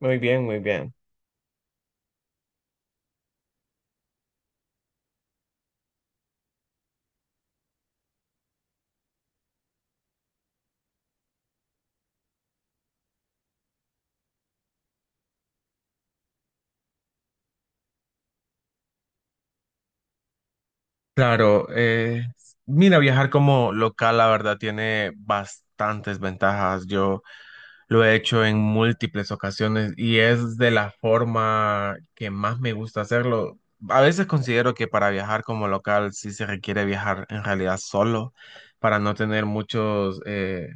Muy bien, muy bien. Claro, mira, viajar como local, la verdad, tiene bastantes ventajas. Yo lo he hecho en múltiples ocasiones y es de la forma que más me gusta hacerlo. A veces considero que para viajar como local sí se requiere viajar en realidad solo para no tener muchos,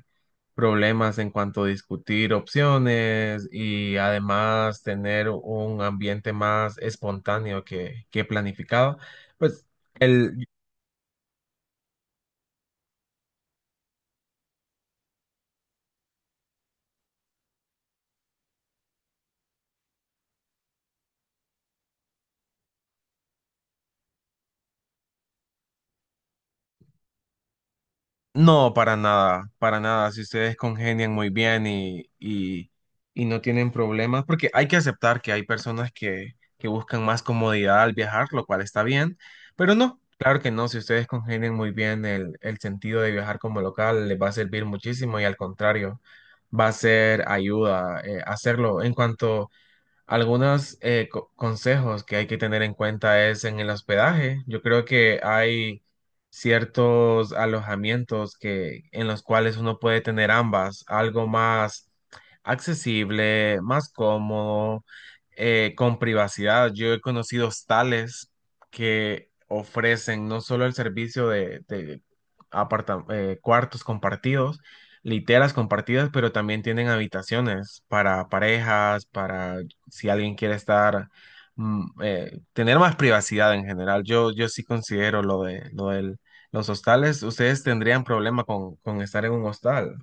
problemas en cuanto a discutir opciones y además tener un ambiente más espontáneo que planificado. Pues no, para nada, para nada. Si ustedes congenian muy bien y no tienen problemas, porque hay que aceptar que hay personas que buscan más comodidad al viajar, lo cual está bien, pero no, claro que no. Si ustedes congenian muy bien el sentido de viajar como local, les va a servir muchísimo y al contrario, va a ser ayuda hacerlo. En cuanto algunos consejos que hay que tener en cuenta es en el hospedaje. Yo creo que hay ciertos alojamientos que, en los cuales uno puede tener ambas, algo más accesible, más cómodo, con privacidad. Yo he conocido hostales que ofrecen no solo el servicio de cuartos compartidos, literas compartidas, pero también tienen habitaciones para parejas, para si alguien quiere estar, tener más privacidad en general. Yo sí considero lo de los hostales. ¿Ustedes tendrían problema con estar en un hostal?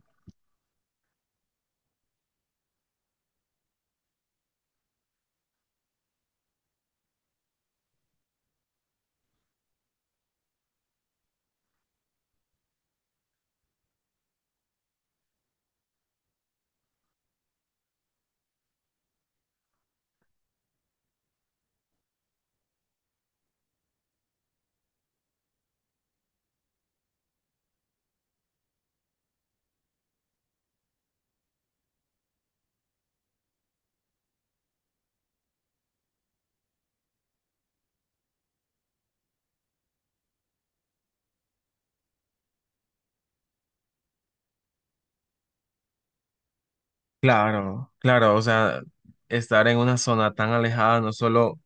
Claro, claro, o sea, estar en una zona tan alejada no solo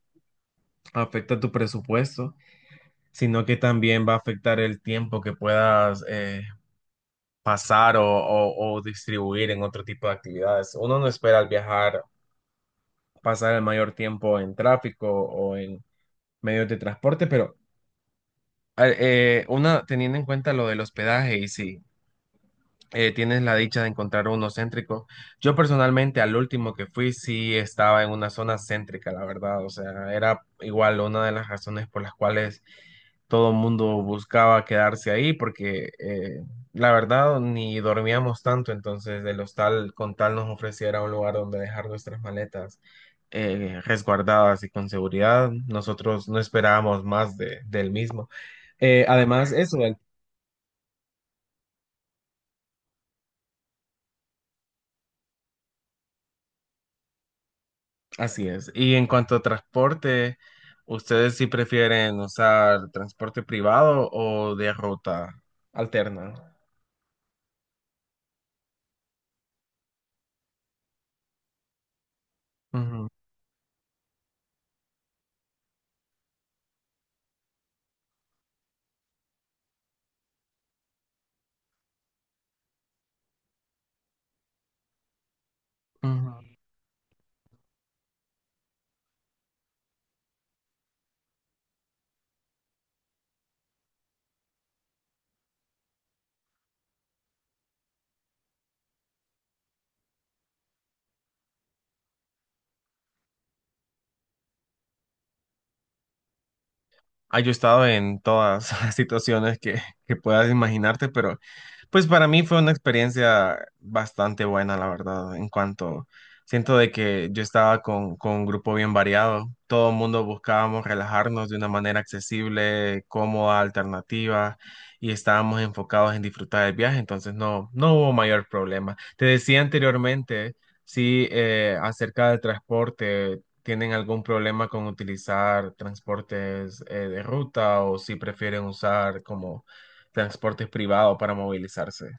afecta tu presupuesto, sino que también va a afectar el tiempo que puedas pasar o distribuir en otro tipo de actividades. Uno no espera al viajar pasar el mayor tiempo en tráfico o en medios de transporte, pero uno teniendo en cuenta lo del hospedaje y sí, tienes la dicha de encontrar uno céntrico. Yo personalmente al último que fui sí estaba en una zona céntrica, la verdad. O sea, era igual una de las razones por las cuales todo el mundo buscaba quedarse ahí porque la verdad ni dormíamos tanto, entonces el hostal con tal nos ofreciera un lugar donde dejar nuestras maletas resguardadas y con seguridad, nosotros no esperábamos más del mismo. Eh, además, eso, Así es. Y en cuanto a transporte, ¿ustedes sí prefieren usar transporte privado o de ruta alterna? Ujú, ujú. Ah, yo he estado en todas las situaciones que puedas imaginarte, pero pues para mí fue una experiencia bastante buena, la verdad, en cuanto siento de que yo estaba con un grupo bien variado, todo el mundo buscábamos relajarnos de una manera accesible, cómoda, alternativa, y estábamos enfocados en disfrutar del viaje, entonces no, no hubo mayor problema. Te decía anteriormente, sí, acerca del transporte. ¿Tienen algún problema con utilizar transportes de ruta o si prefieren usar como transportes privados para movilizarse?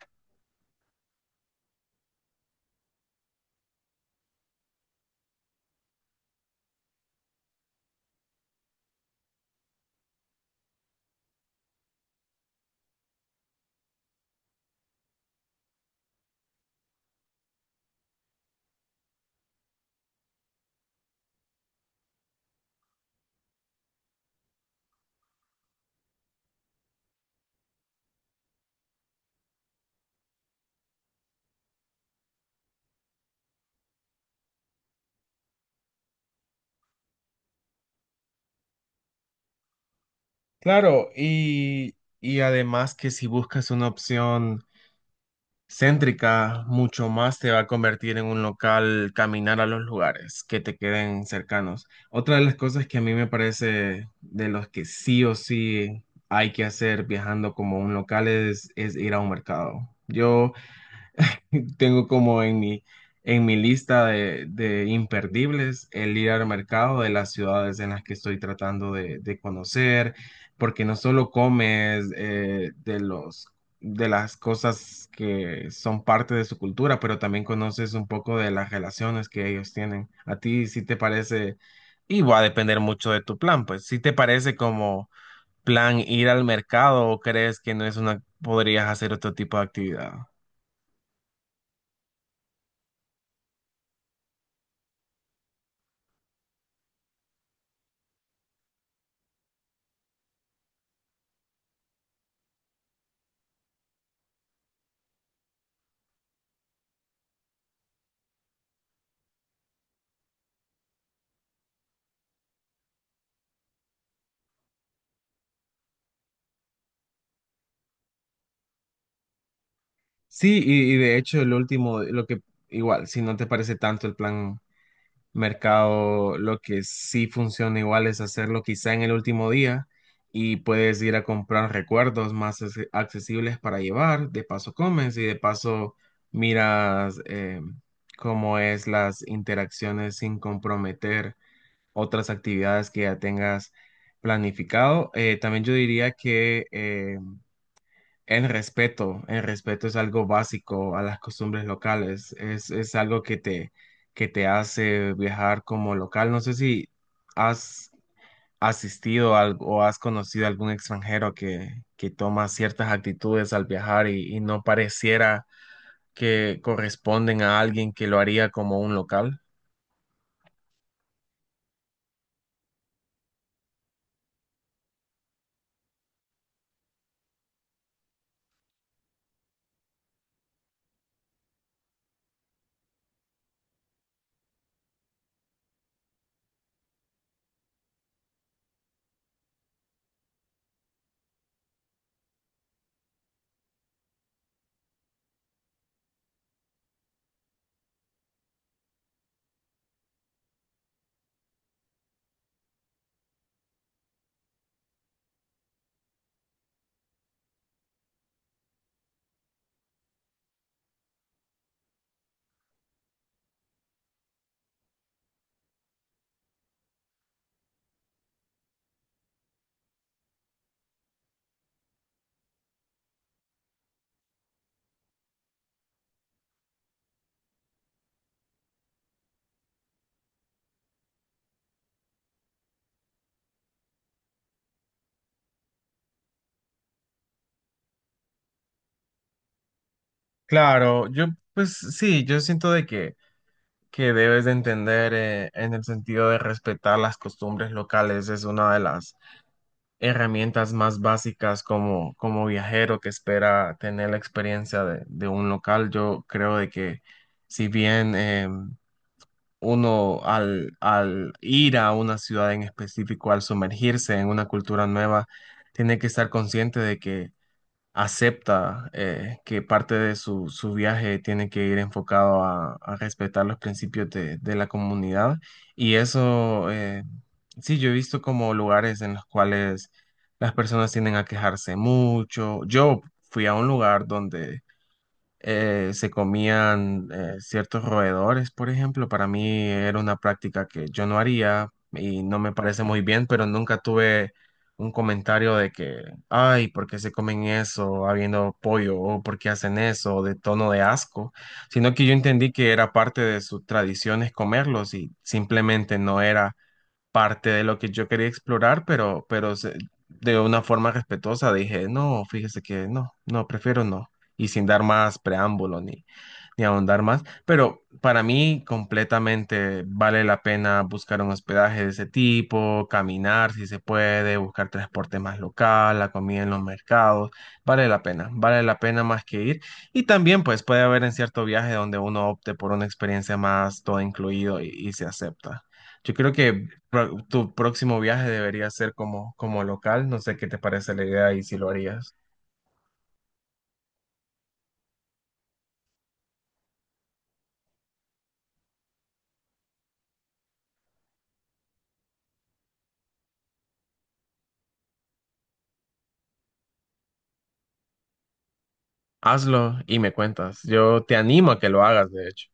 Claro, y además que si buscas una opción céntrica, mucho más te va a convertir en un local caminar a los lugares que te queden cercanos. Otra de las cosas que a mí me parece de los que sí o sí hay que hacer viajando como un local es ir a un mercado. Yo tengo como en en mi lista de imperdibles el ir al mercado de las ciudades en las que estoy tratando de conocer, porque no solo comes de las cosas que son parte de su cultura, pero también conoces un poco de las relaciones que ellos tienen. ¿A ti sí te parece? Y va a depender mucho de tu plan, pues si te parece como plan ir al mercado o crees que no es una, ¿podrías hacer otro tipo de actividad? Sí, y de hecho el último, lo que igual, si no te parece tanto el plan mercado, lo que sí funciona igual es hacerlo quizá en el último día y puedes ir a comprar recuerdos más accesibles para llevar, de paso comes y de paso miras cómo es las interacciones sin comprometer otras actividades que ya tengas planificado. También yo diría que el respeto es algo básico a las costumbres locales, es algo que te hace viajar como local. No sé si has asistido o has conocido a algún extranjero que toma ciertas actitudes al viajar y no pareciera que corresponden a alguien que lo haría como un local. Claro, yo pues sí, yo siento que debes de entender en el sentido de respetar las costumbres locales, es una de las herramientas más básicas como, como viajero que espera tener la experiencia de un local. Yo creo de que si bien uno al ir a una ciudad en específico, al sumergirse en una cultura nueva, tiene que estar consciente de que acepta que parte de su viaje tiene que ir enfocado a respetar los principios de la comunidad. Y eso, sí, yo he visto como lugares en los cuales las personas tienden a quejarse mucho. Yo fui a un lugar donde se comían ciertos roedores, por ejemplo. Para mí era una práctica que yo no haría y no me parece muy bien, pero nunca tuve un comentario de que, ay, ¿por qué se comen eso habiendo pollo? ¿O por qué hacen eso? De tono de asco, sino que yo entendí que era parte de sus tradiciones comerlos y simplemente no era parte de lo que yo quería explorar, pero, de una forma respetuosa dije, no, fíjese que no, no, prefiero no, y sin dar más preámbulo ni, ni ahondar más, pero para mí completamente vale la pena buscar un hospedaje de ese tipo, caminar si se puede, buscar transporte más local, la comida en los mercados, vale la pena más que ir. Y también pues puede haber en cierto viaje donde uno opte por una experiencia más todo incluido y se acepta. Yo creo que tu próximo viaje debería ser como, como local. No sé qué te parece la idea y si lo harías. Hazlo y me cuentas. Yo te animo a que lo hagas, de hecho.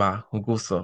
Va, un gusto.